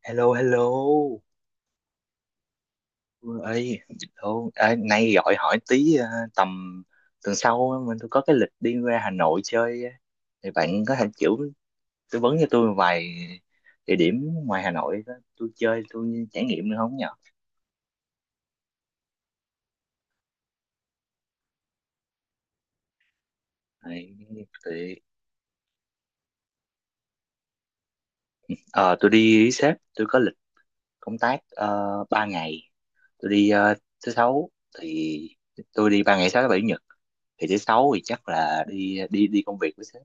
Hello, hello. Ơi, hello. Nay gọi hỏi tí à, tầm tuần sau á, tôi có cái lịch đi ra Hà Nội chơi á. Thì bạn có thể kiểu tư vấn cho tôi vài địa điểm ngoài Hà Nội đó. Tôi chơi, tôi trải nghiệm được không nhở? Đấy, thì, ờ, tôi đi với sếp, tôi có lịch công tác 3 ngày. Tôi đi thứ sáu thì tôi đi 3 ngày sáu thứ bảy chủ nhật. Thì thứ sáu thì chắc là đi đi đi công việc với sếp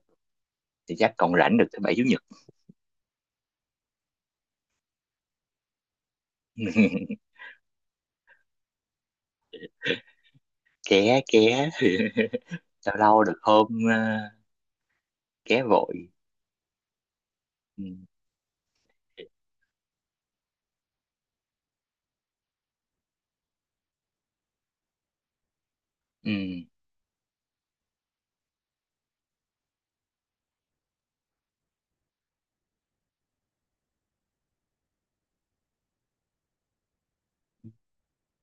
thì chắc còn rảnh được thứ bảy chủ nhật. Ké ké lâu lâu được hôm ké vội. Ừ. Ừ.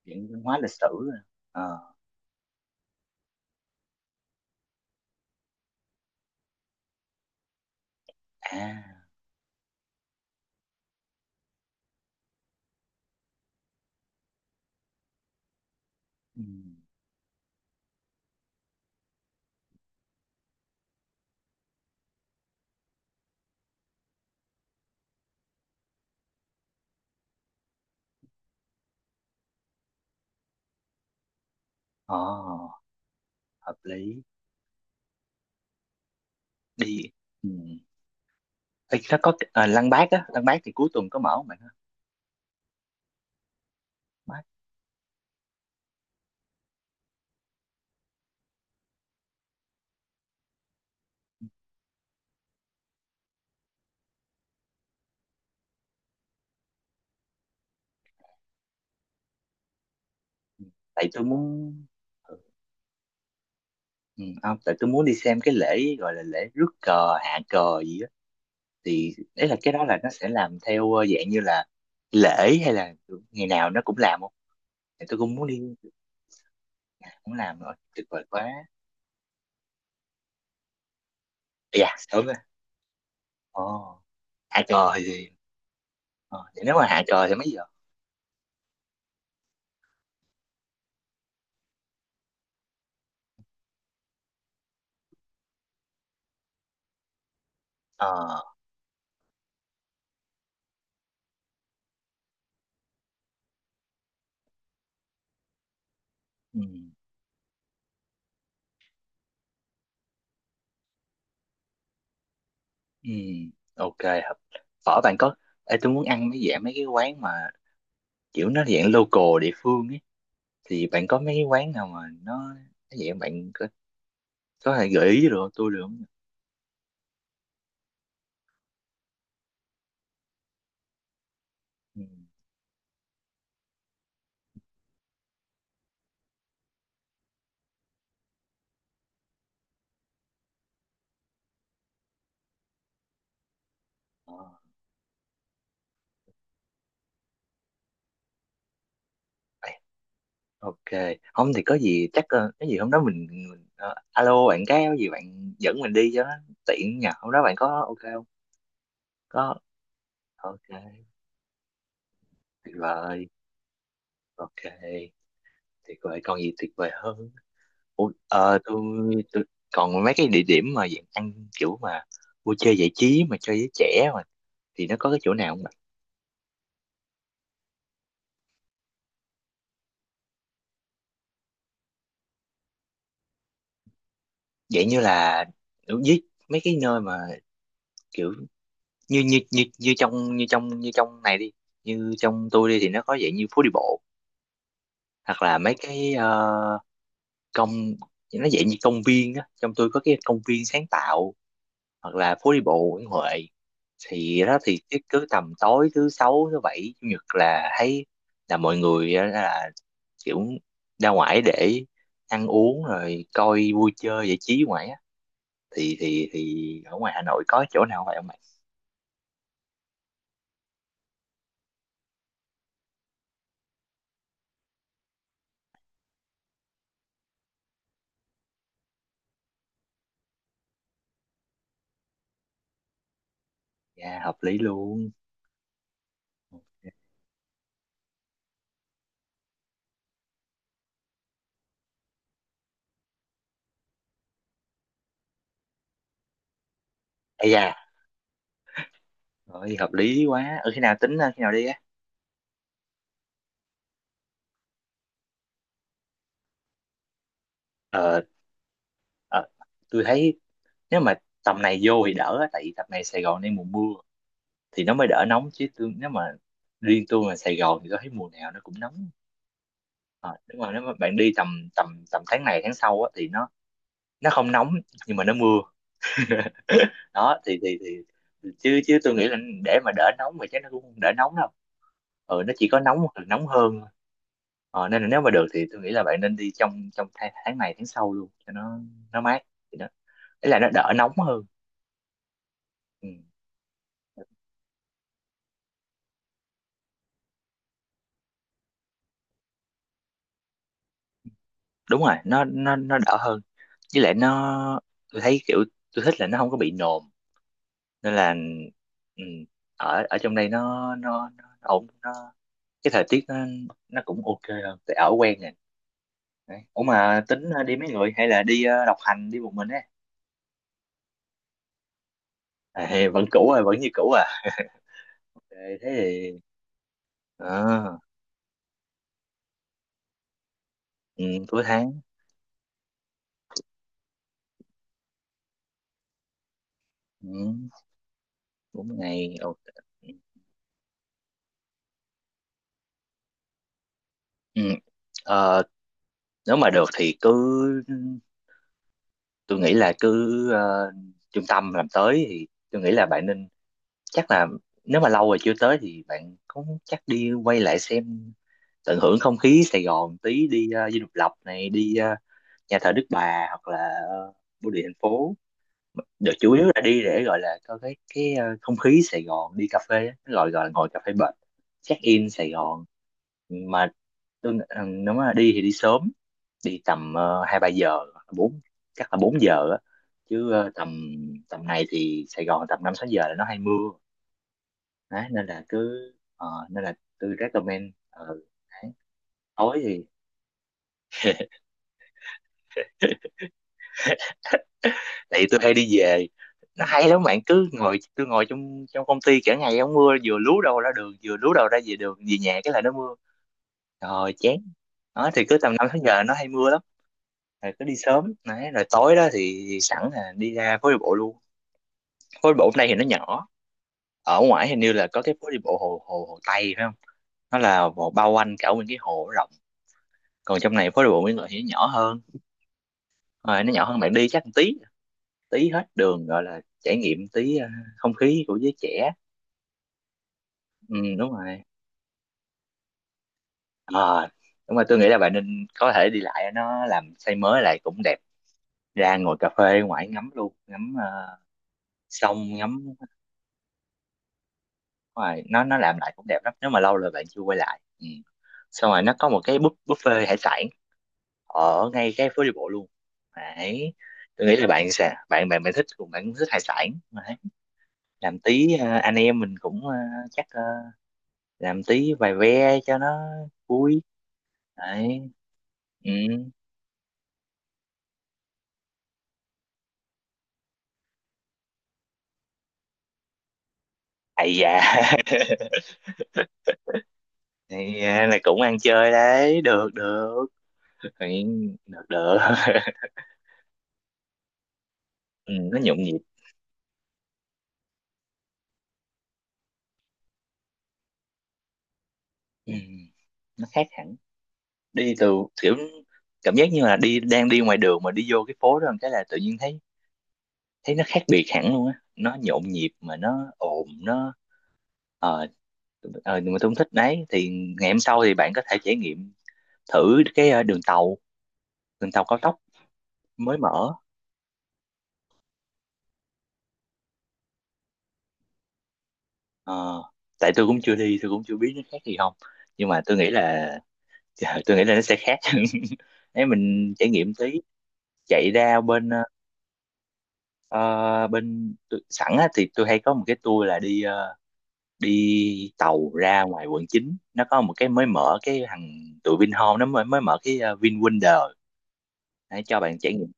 Viện văn hóa lịch sử à. Ờ. À. Ừ. Ờ. Hợp lý đi. Ừ. Ê, nó có cái- à, Lăng Bác á, Lăng Bác thì cuối tuần có mở không bạn ha Bác. Ừ. Tại tôi muốn. Ừ. Ừ, không tại tôi muốn đi xem cái lễ gọi là lễ rước cờ hạ cờ gì á, thì đấy là cái đó là nó sẽ làm theo dạng như là lễ hay là ngày nào nó cũng làm không, thì tôi cũng muốn đi cũng làm rồi tuyệt vời quá. Dạ sớm rồi. Ồ hạ cờ thì gì? Ờ, vậy nếu mà hạ cờ thì mấy giờ? Ờ. Ừ. Ừ. Ok. Hợp. Phở bạn có. Ê, tôi muốn ăn mấy dạng mấy cái quán mà kiểu nó dạng local địa phương ấy, thì bạn có mấy cái quán nào mà nó dạng bạn có thể gợi ý được không? Tôi được không? Ừ. ờ, Ê, ok. Không thì có gì chắc cái gì hôm đó mình alo bạn cái có gì bạn dẫn mình đi cho nó tiện nhờ hôm đó bạn có ok không? Có. Ok. Tuyệt vời. Ok. Tuyệt vời, còn gì tuyệt vời hơn. Ủa, tôi còn mấy cái địa điểm mà dạng ăn kiểu mà vui chơi giải trí mà cho giới trẻ mà thì nó có cái chỗ nào không ạ? Dạng như là với mấy cái nơi mà kiểu như như như như trong như trong như trong này đi, như trong tôi đi thì nó có dạng như phố đi bộ hoặc là mấy cái công, nó dạng như công viên á, trong tôi có cái công viên sáng tạo hoặc là phố đi bộ Nguyễn Huệ, thì đó thì cứ tầm tối thứ sáu thứ bảy chủ nhật là thấy là mọi người á, là kiểu ra ngoài để ăn uống rồi coi vui chơi giải trí ngoài á, thì thì ở ngoài Hà Nội có chỗ nào vậy không bạn? Dạ hợp lý luôn. Ây da, rồi hợp lý quá. Ừ, khi nào tính ra, khi nào đi á? Ờ ờ, tôi thấy nếu mà tầm này vô thì đỡ á, tại vì tầm này Sài Gòn đang mùa mưa thì nó mới đỡ nóng, chứ tôi nếu mà riêng tôi mà Sài Gòn thì tôi thấy mùa nào nó cũng nóng. Ờ, đúng rồi, nếu mà bạn đi tầm tầm tầm tháng này tháng sau á, thì nó không nóng nhưng mà nó mưa. Đó thì thì chứ chứ tôi nghĩ là để mà đỡ nóng thì chắc nó cũng không đỡ nóng đâu, ừ nó chỉ có nóng hoặc là nóng hơn thôi. Ờ, nên là nếu mà được thì tôi nghĩ là bạn nên đi trong trong tháng này tháng sau luôn cho nó mát, thì nó ý là nó đỡ nóng hơn. Ừ, đúng rồi nó nó đỡ hơn với lại nó tôi thấy kiểu tôi thích là nó không có bị nồm nên là ừ, ở ở trong đây nó ổn nó cái thời tiết nó cũng ok rồi tại ở quen rồi. Đấy. Ủa mà tính đi mấy người hay là đi độc hành đi một mình á, à, vẫn cũ à, vẫn như cũ à. Ờ, thế thì ờ, ừ, cuối tháng ừ, bốn ngày ok. Ừ. Ờ, nếu mà được thì tôi nghĩ là cứ trung tâm làm tới thì tôi nghĩ là bạn nên chắc là nếu mà lâu rồi chưa tới thì bạn cũng chắc đi quay lại xem tận hưởng không khí Sài Gòn tí đi Dinh Độc Lập này đi nhà thờ Đức Bà hoặc là ờ, bưu điện thành phố được chủ yếu là đi để gọi là có cái không khí Sài Gòn đi cà phê á, cái gọi gọi là ngồi cà phê bệt check in Sài Gòn mà tôi nghĩ- ừ, nếu mà đi thì đi sớm, đi tầm hai ba giờ bốn, chắc là 4 giờ á, chứ ờ, tầm tầm này thì Sài Gòn tầm 5 6 giờ là nó hay mưa đấy, nên là nên là tôi recommend đấy. Tối thì tại vì tôi hay đi về nó hay lắm bạn cứ ngồi tôi ngồi trong trong công ty cả ngày không mưa vừa lú đầu ra đường vừa lú đầu ra về đường về nhà cái là nó mưa rồi chán đó thì cứ tầm năm tháng giờ nó hay mưa lắm, rồi cứ đi sớm đấy, rồi tối đó thì sẵn là đi ra phố đi bộ luôn. Phố đi bộ hôm nay thì nó nhỏ, ở ngoài hình như là có cái phố đi bộ hồ hồ hồ Tây phải không, nó là một bao quanh cả nguyên cái hồ rộng còn trong này phố đi bộ Nguyễn Huệ thì nó nhỏ hơn, rồi nó nhỏ hơn bạn đi chắc một tí tí hết đường gọi là trải nghiệm tí không khí của giới trẻ. Ừ, đúng rồi. Ờ, đúng rồi tôi nghĩ là bạn nên có thể đi lại nó làm xây mới lại cũng đẹp, ra ngồi cà phê ngoài ngắm luôn ngắm sông ngắm ngoài nó làm lại cũng đẹp lắm nếu mà lâu rồi bạn chưa quay lại. Ừ. Xong rồi nó có một cái buffet hải sản ở ngay cái phố đi bộ luôn đấy. Tôi nghĩ là bạn sẽ bạn bạn bạn thích cùng bạn cũng thích hải sản đấy. Làm tí anh em mình cũng chắc ờ, làm tí vài ve cho nó vui đấy. Ừ. Ây da. Thì à, là cũng ăn chơi đấy, được được. Thì được được. Ừ, nó nhộn nhịp. Ừ, nó khác hẳn. Đi từ kiểu cảm giác như là đang đi ngoài đường mà đi vô cái phố đó một cái là tự nhiên thấy thấy nó khác biệt hẳn luôn á. Nó nhộn nhịp mà nó ồn, nó ờ nhưng mà tôi không thích đấy. Thì ngày hôm sau thì bạn có thể trải nghiệm thử cái đường tàu cao tốc mới mở. Ờ, tại tôi cũng chưa đi, tôi cũng chưa biết nó khác gì không. Nhưng mà tôi nghĩ là dạ, tôi nghĩ là nó sẽ khác. Nếu mình trải nghiệm tí chạy ra bên ờ, bên tôi- sẵn á, thì tôi hay có một cái tour là đi đi tàu ra ngoài quận 9 nó có một cái mới mở cái thằng tụi Vinhome nó mới mới mở cái VinWonder để cho bạn trải nghiệm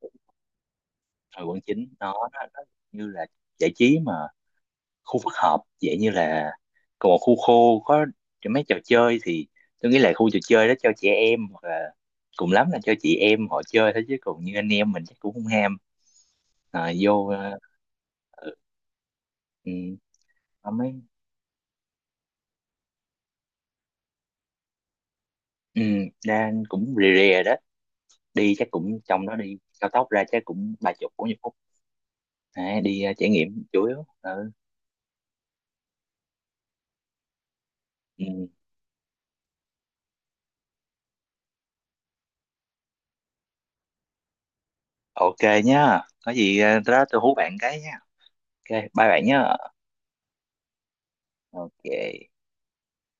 ngoài quận 9 nó như là giải trí mà khu phức hợp dạng như là còn một khu khô có mấy trò chơi, thì tôi nghĩ là khu trò chơi đó cho trẻ em hoặc là cùng lắm là cho chị em họ chơi thôi chứ còn như anh em mình chắc cũng không ham. À, vô ừ, có mấy, ừ, đang cũng rề rề đó đi chắc cũng trong đó đi cao tốc ra chắc cũng 30 40 phút. À, đi trải nghiệm chủ yếu. Ừ. Ừ. Ok nhá có gì đó tôi hú bạn cái nhá. Ok bye bạn nhá. Ok